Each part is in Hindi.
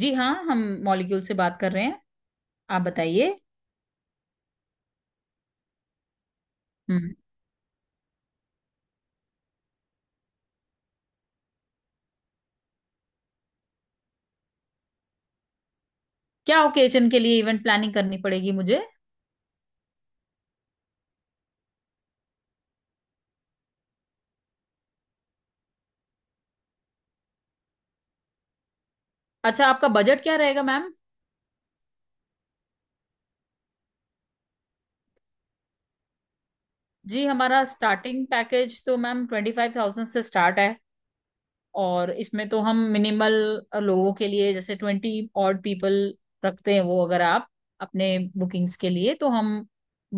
जी हाँ हम मॉलिक्यूल से बात कर रहे हैं। आप बताइए। हम्म। क्या ओकेजन के लिए इवेंट प्लानिंग करनी पड़ेगी मुझे? अच्छा, आपका बजट क्या रहेगा मैम? जी, हमारा स्टार्टिंग पैकेज तो मैम 25,000 से स्टार्ट है। और इसमें तो हम मिनिमल लोगों के लिए जैसे 20 ऑड पीपल रखते हैं। वो अगर आप अपने बुकिंग्स के लिए तो हम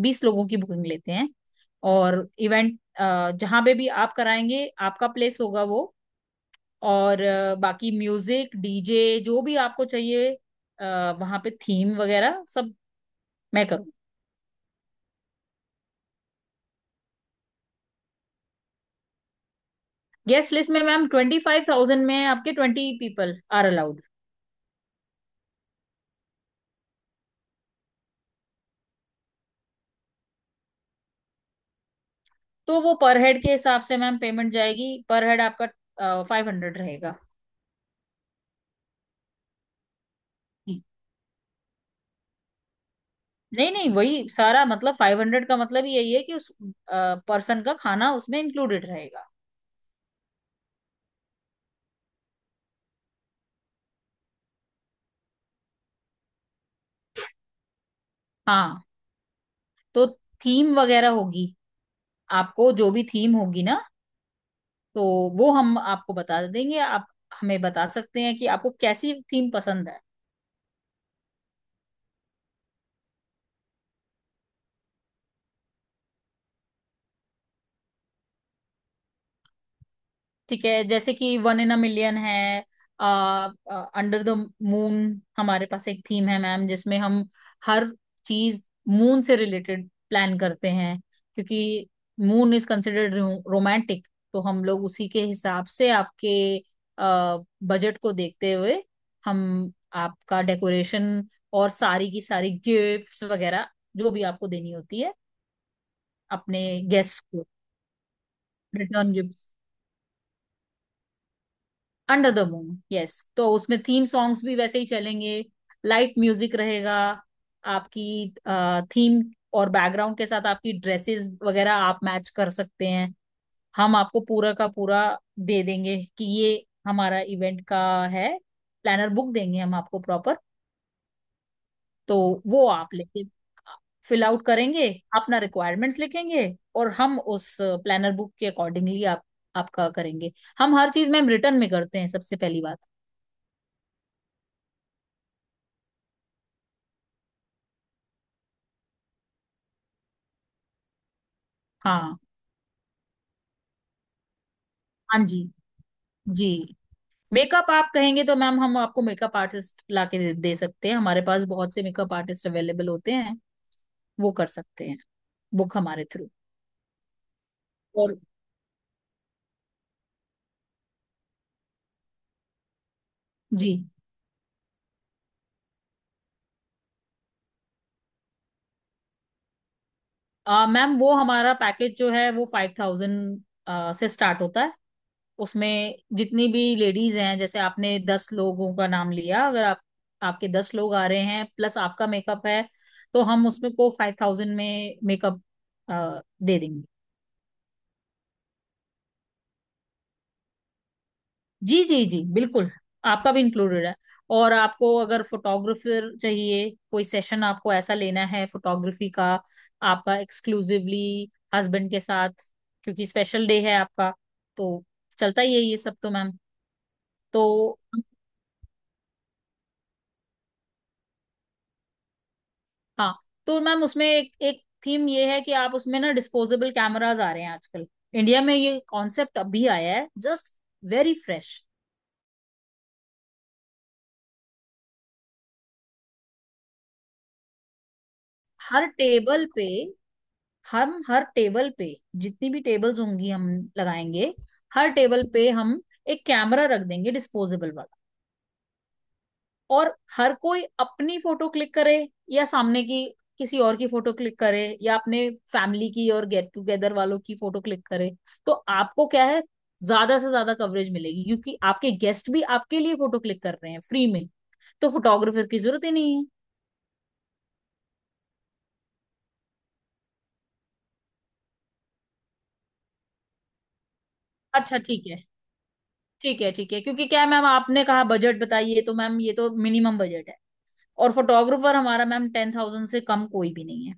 20 लोगों की बुकिंग लेते हैं। और इवेंट जहाँ पे भी आप कराएंगे आपका प्लेस होगा वो। और बाकी म्यूजिक डीजे जो भी आपको चाहिए वहां पे थीम वगैरह सब मैं करूँ। गेस्ट लिस्ट में मैम 25,000 में आपके 20 पीपल आर अलाउड। तो वो पर हेड के हिसाब से मैम पेमेंट जाएगी। पर हेड आपका 500 रहेगा। नहीं नहीं, वही सारा मतलब 500 का मतलब यही है कि उस पर्सन का खाना उसमें इंक्लूडेड रहेगा। हाँ। तो थीम वगैरह होगी। आपको जो भी थीम होगी ना, तो वो हम आपको बता देंगे। आप हमें बता सकते हैं कि आपको कैसी थीम पसंद है। ठीक है, जैसे कि वन इन अ मिलियन है। आ, अंडर द मून हमारे पास एक थीम है मैम, जिसमें हम हर चीज मून से रिलेटेड प्लान करते हैं। क्योंकि मून इज कंसिडर्ड रोमांटिक। तो हम लोग उसी के हिसाब से आपके बजट को देखते हुए हम आपका डेकोरेशन और सारी की सारी गिफ्ट्स वगैरह जो भी आपको देनी होती है अपने गेस्ट को return gift under the moon, yes. तो उसमें थीम सॉन्ग्स भी वैसे ही चलेंगे। लाइट म्यूजिक रहेगा। आपकी थीम और बैकग्राउंड के साथ आपकी ड्रेसेस वगैरह आप मैच कर सकते हैं। हम आपको पूरा का पूरा दे देंगे कि ये हमारा इवेंट का है। प्लानर बुक देंगे हम आपको प्रॉपर। तो वो आप लेके फिल आउट करेंगे, अपना रिक्वायरमेंट्स लिखेंगे, और हम उस प्लानर बुक के अकॉर्डिंगली आप आपका करेंगे। हम हर चीज मैम रिटर्न में करते हैं, सबसे पहली बात। हाँ। हाँ जी। जी। मेकअप आप कहेंगे तो मैम हम आपको मेकअप आर्टिस्ट ला के दे सकते हैं। हमारे पास बहुत से मेकअप आर्टिस्ट अवेलेबल होते हैं। वो कर सकते हैं बुक हमारे थ्रू। और जी मैम वो हमारा पैकेज जो है वो 5,000 से स्टार्ट होता है। उसमें जितनी भी लेडीज हैं जैसे आपने 10 लोगों का नाम लिया, अगर आप आपके 10 लोग आ रहे हैं प्लस आपका मेकअप है, तो हम उसमें को 5,000 में मेकअप दे देंगे। जी जी जी बिल्कुल, आपका भी इंक्लूडेड है। और आपको अगर फोटोग्राफर चाहिए कोई सेशन आपको ऐसा लेना है फोटोग्राफी का, आपका एक्सक्लूसिवली हस्बैंड के साथ, क्योंकि स्पेशल डे है आपका। तो चलता ही है ये सब तो मैम। तो हाँ, तो मैम उसमें एक एक थीम ये है कि आप उसमें ना डिस्पोजेबल कैमराज आ रहे हैं आजकल। इंडिया में ये कॉन्सेप्ट अभी आया है जस्ट, वेरी फ्रेश। हर टेबल पे हम, हर टेबल पे जितनी भी टेबल्स होंगी हम लगाएंगे। हर टेबल पे हम एक कैमरा रख देंगे डिस्पोजेबल वाला। और हर कोई अपनी फोटो क्लिक करे या सामने की किसी और की फोटो क्लिक करे या अपने फैमिली की और गेट टुगेदर वालों की फोटो क्लिक करे। तो आपको क्या है, ज्यादा से ज्यादा कवरेज मिलेगी क्योंकि आपके गेस्ट भी आपके लिए फोटो क्लिक कर रहे हैं फ्री में। तो फोटोग्राफर की जरूरत ही नहीं है। अच्छा ठीक है। ठीक है ठीक है, क्योंकि क्या है मैम, आपने कहा बजट बताइए, तो मैम ये तो मिनिमम बजट है। और फोटोग्राफर हमारा मैम 10,000 से कम कोई भी नहीं है।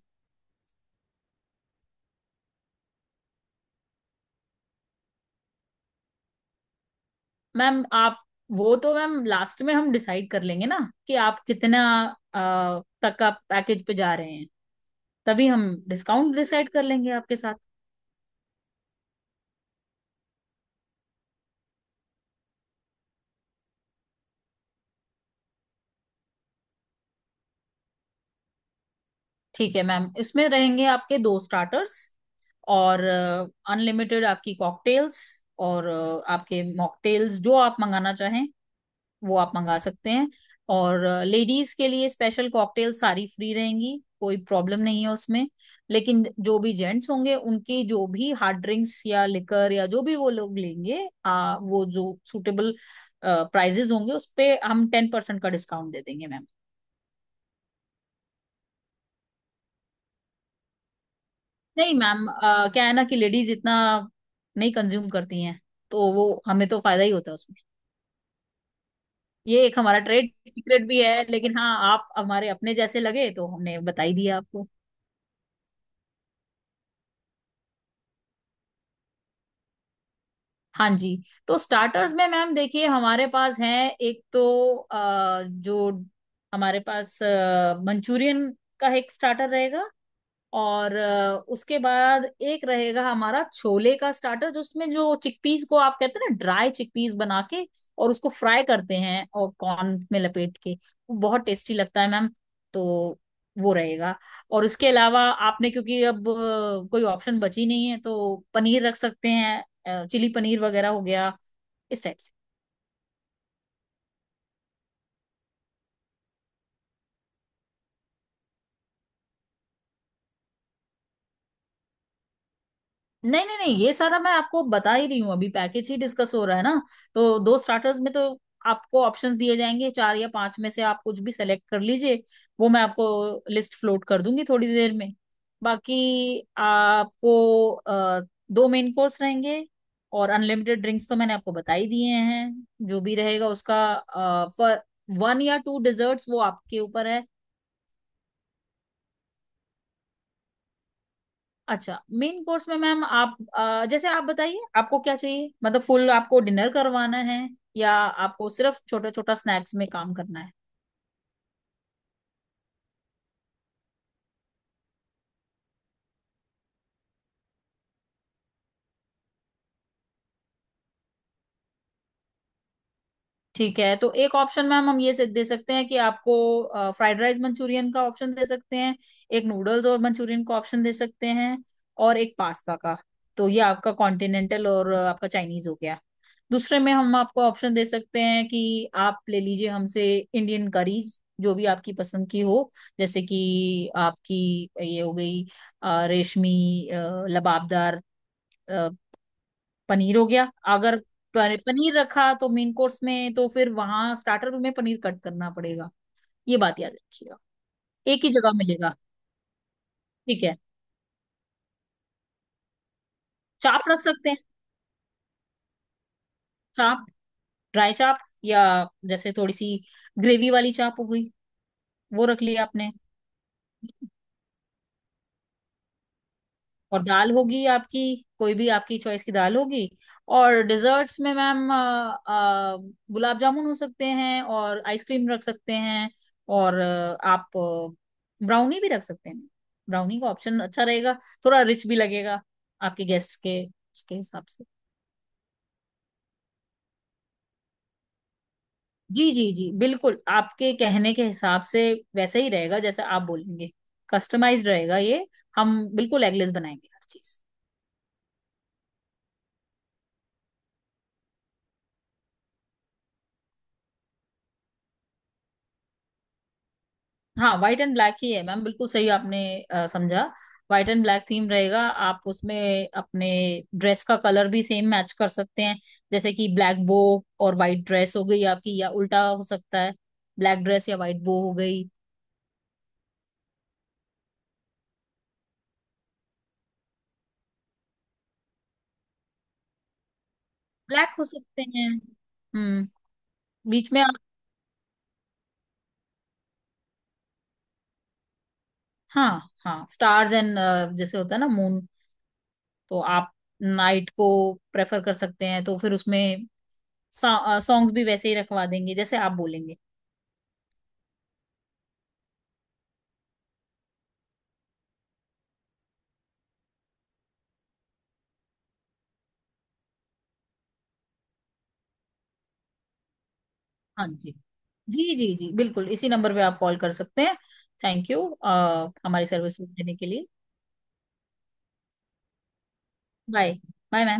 मैम आप, वो तो मैम लास्ट में हम डिसाइड कर लेंगे ना कि आप कितना तक का पैकेज पे जा रहे हैं। तभी हम डिस्काउंट डिसाइड कर लेंगे आपके साथ। ठीक है मैम, इसमें रहेंगे आपके दो स्टार्टर्स और अनलिमिटेड आपकी कॉकटेल्स और आपके मॉकटेल्स जो आप मंगाना चाहें वो आप मंगा सकते हैं। और लेडीज के लिए स्पेशल कॉकटेल सारी फ्री रहेंगी, कोई प्रॉब्लम नहीं है उसमें। लेकिन जो भी जेंट्स होंगे उनकी जो भी हार्ड ड्रिंक्स या लिकर या जो भी वो लोग लेंगे, वो जो सूटेबल प्राइजेस होंगे उस पे हम 10% का डिस्काउंट दे देंगे मैम। नहीं मैम, क्या है ना कि लेडीज इतना नहीं कंज्यूम करती हैं। तो वो हमें तो फायदा ही होता है उसमें। ये एक हमारा ट्रेड सीक्रेट भी है, लेकिन हाँ, आप हमारे अपने जैसे लगे तो हमने बता ही दिया आपको। हाँ जी, तो स्टार्टर्स में मैम देखिए, हमारे पास हैं एक तो जो हमारे पास मंचूरियन का एक स्टार्टर रहेगा। और उसके बाद एक रहेगा हमारा छोले का स्टार्टर, जिसमें जो चिकपीस को आप कहते हैं ना, ड्राई चिकपीस बना के और उसको फ्राई करते हैं और कॉर्न में लपेट के, वो बहुत टेस्टी लगता है मैम। तो वो रहेगा। और इसके अलावा आपने, क्योंकि अब कोई ऑप्शन बची नहीं है तो पनीर रख सकते हैं, चिली पनीर वगैरह हो गया इस टाइप से। नहीं नहीं नहीं, ये सारा मैं आपको बता ही रही हूँ, अभी पैकेज ही डिस्कस हो रहा है ना। तो दो स्टार्टर्स में तो आपको ऑप्शंस दिए जाएंगे, चार या पांच में से आप कुछ भी सेलेक्ट कर लीजिए। वो मैं आपको लिस्ट फ्लोट कर दूंगी थोड़ी देर में। बाकी आपको दो मेन कोर्स रहेंगे। और अनलिमिटेड ड्रिंक्स तो मैंने आपको बता ही दिए हैं, जो भी रहेगा उसका। वन या टू डिजर्ट्स वो आपके ऊपर है। अच्छा मेन कोर्स में मैम आप जैसे आप बताइए आपको क्या चाहिए। मतलब फुल आपको डिनर करवाना है या आपको सिर्फ छोटा छोटा स्नैक्स में काम करना है। ठीक है, तो एक ऑप्शन मैम हम दे सकते हैं कि आपको फ्राइड राइस मंचूरियन का ऑप्शन दे सकते हैं, एक नूडल्स और मंचूरियन का ऑप्शन दे सकते हैं, और एक पास्ता का। तो ये आपका कॉन्टिनेंटल और आपका चाइनीज हो गया। दूसरे में हम आपको ऑप्शन दे सकते हैं कि आप ले लीजिए हमसे इंडियन करीज जो भी आपकी पसंद की हो। जैसे कि आपकी ये हो गई रेशमी, लबाबदार पनीर हो गया। अगर प- पनीर रखा तो मेन कोर्स में तो फिर वहां स्टार्टर में पनीर कट करना पड़ेगा, ये बात याद रखिएगा। एक ही जगह मिलेगा। ठीक है, चाप रख सकते हैं। चाप, ड्राई चाप, या जैसे थोड़ी सी ग्रेवी वाली चाप हो गई, वो रख लिया आपने। और दाल होगी आपकी, कोई भी आपकी चॉइस की दाल होगी। और डिजर्ट्स में मैम अ, गुलाब जामुन हो सकते हैं और आइसक्रीम रख सकते हैं। और आप ब्राउनी भी रख सकते हैं। ब्राउनी का ऑप्शन अच्छा रहेगा, थोड़ा रिच भी लगेगा आपके गेस्ट के उसके हिसाब से। जी जी जी बिल्कुल, आपके कहने के हिसाब से वैसे ही रहेगा जैसे आप बोलेंगे। कस्टमाइज्ड रहेगा ये। हम बिल्कुल एगलेस बनाएंगे हर चीज। हाँ, व्हाइट एंड ब्लैक ही है मैम, बिल्कुल सही आपने समझा। व्हाइट एंड ब्लैक थीम रहेगा। आप उसमें अपने ड्रेस का कलर भी सेम मैच कर सकते हैं। जैसे कि ब्लैक बो और वाइट ड्रेस हो गई आपकी, या उल्टा हो सकता है, ब्लैक ड्रेस या वाइट बो हो गई। ब्लैक हो सकते हैं। हम्म। बीच में आप, हाँ हाँ, स्टार्स एंड, जैसे होता है ना मून। तो आप नाइट को प्रेफर कर सकते हैं। तो फिर उसमें सॉन्ग्स भी वैसे ही रखवा देंगे जैसे आप बोलेंगे। हाँ जी। जी जी जी बिल्कुल, इसी नंबर पे आप कॉल कर सकते हैं। थैंक यू हमारी सर्विस देने के लिए। बाय। Bye ma'am.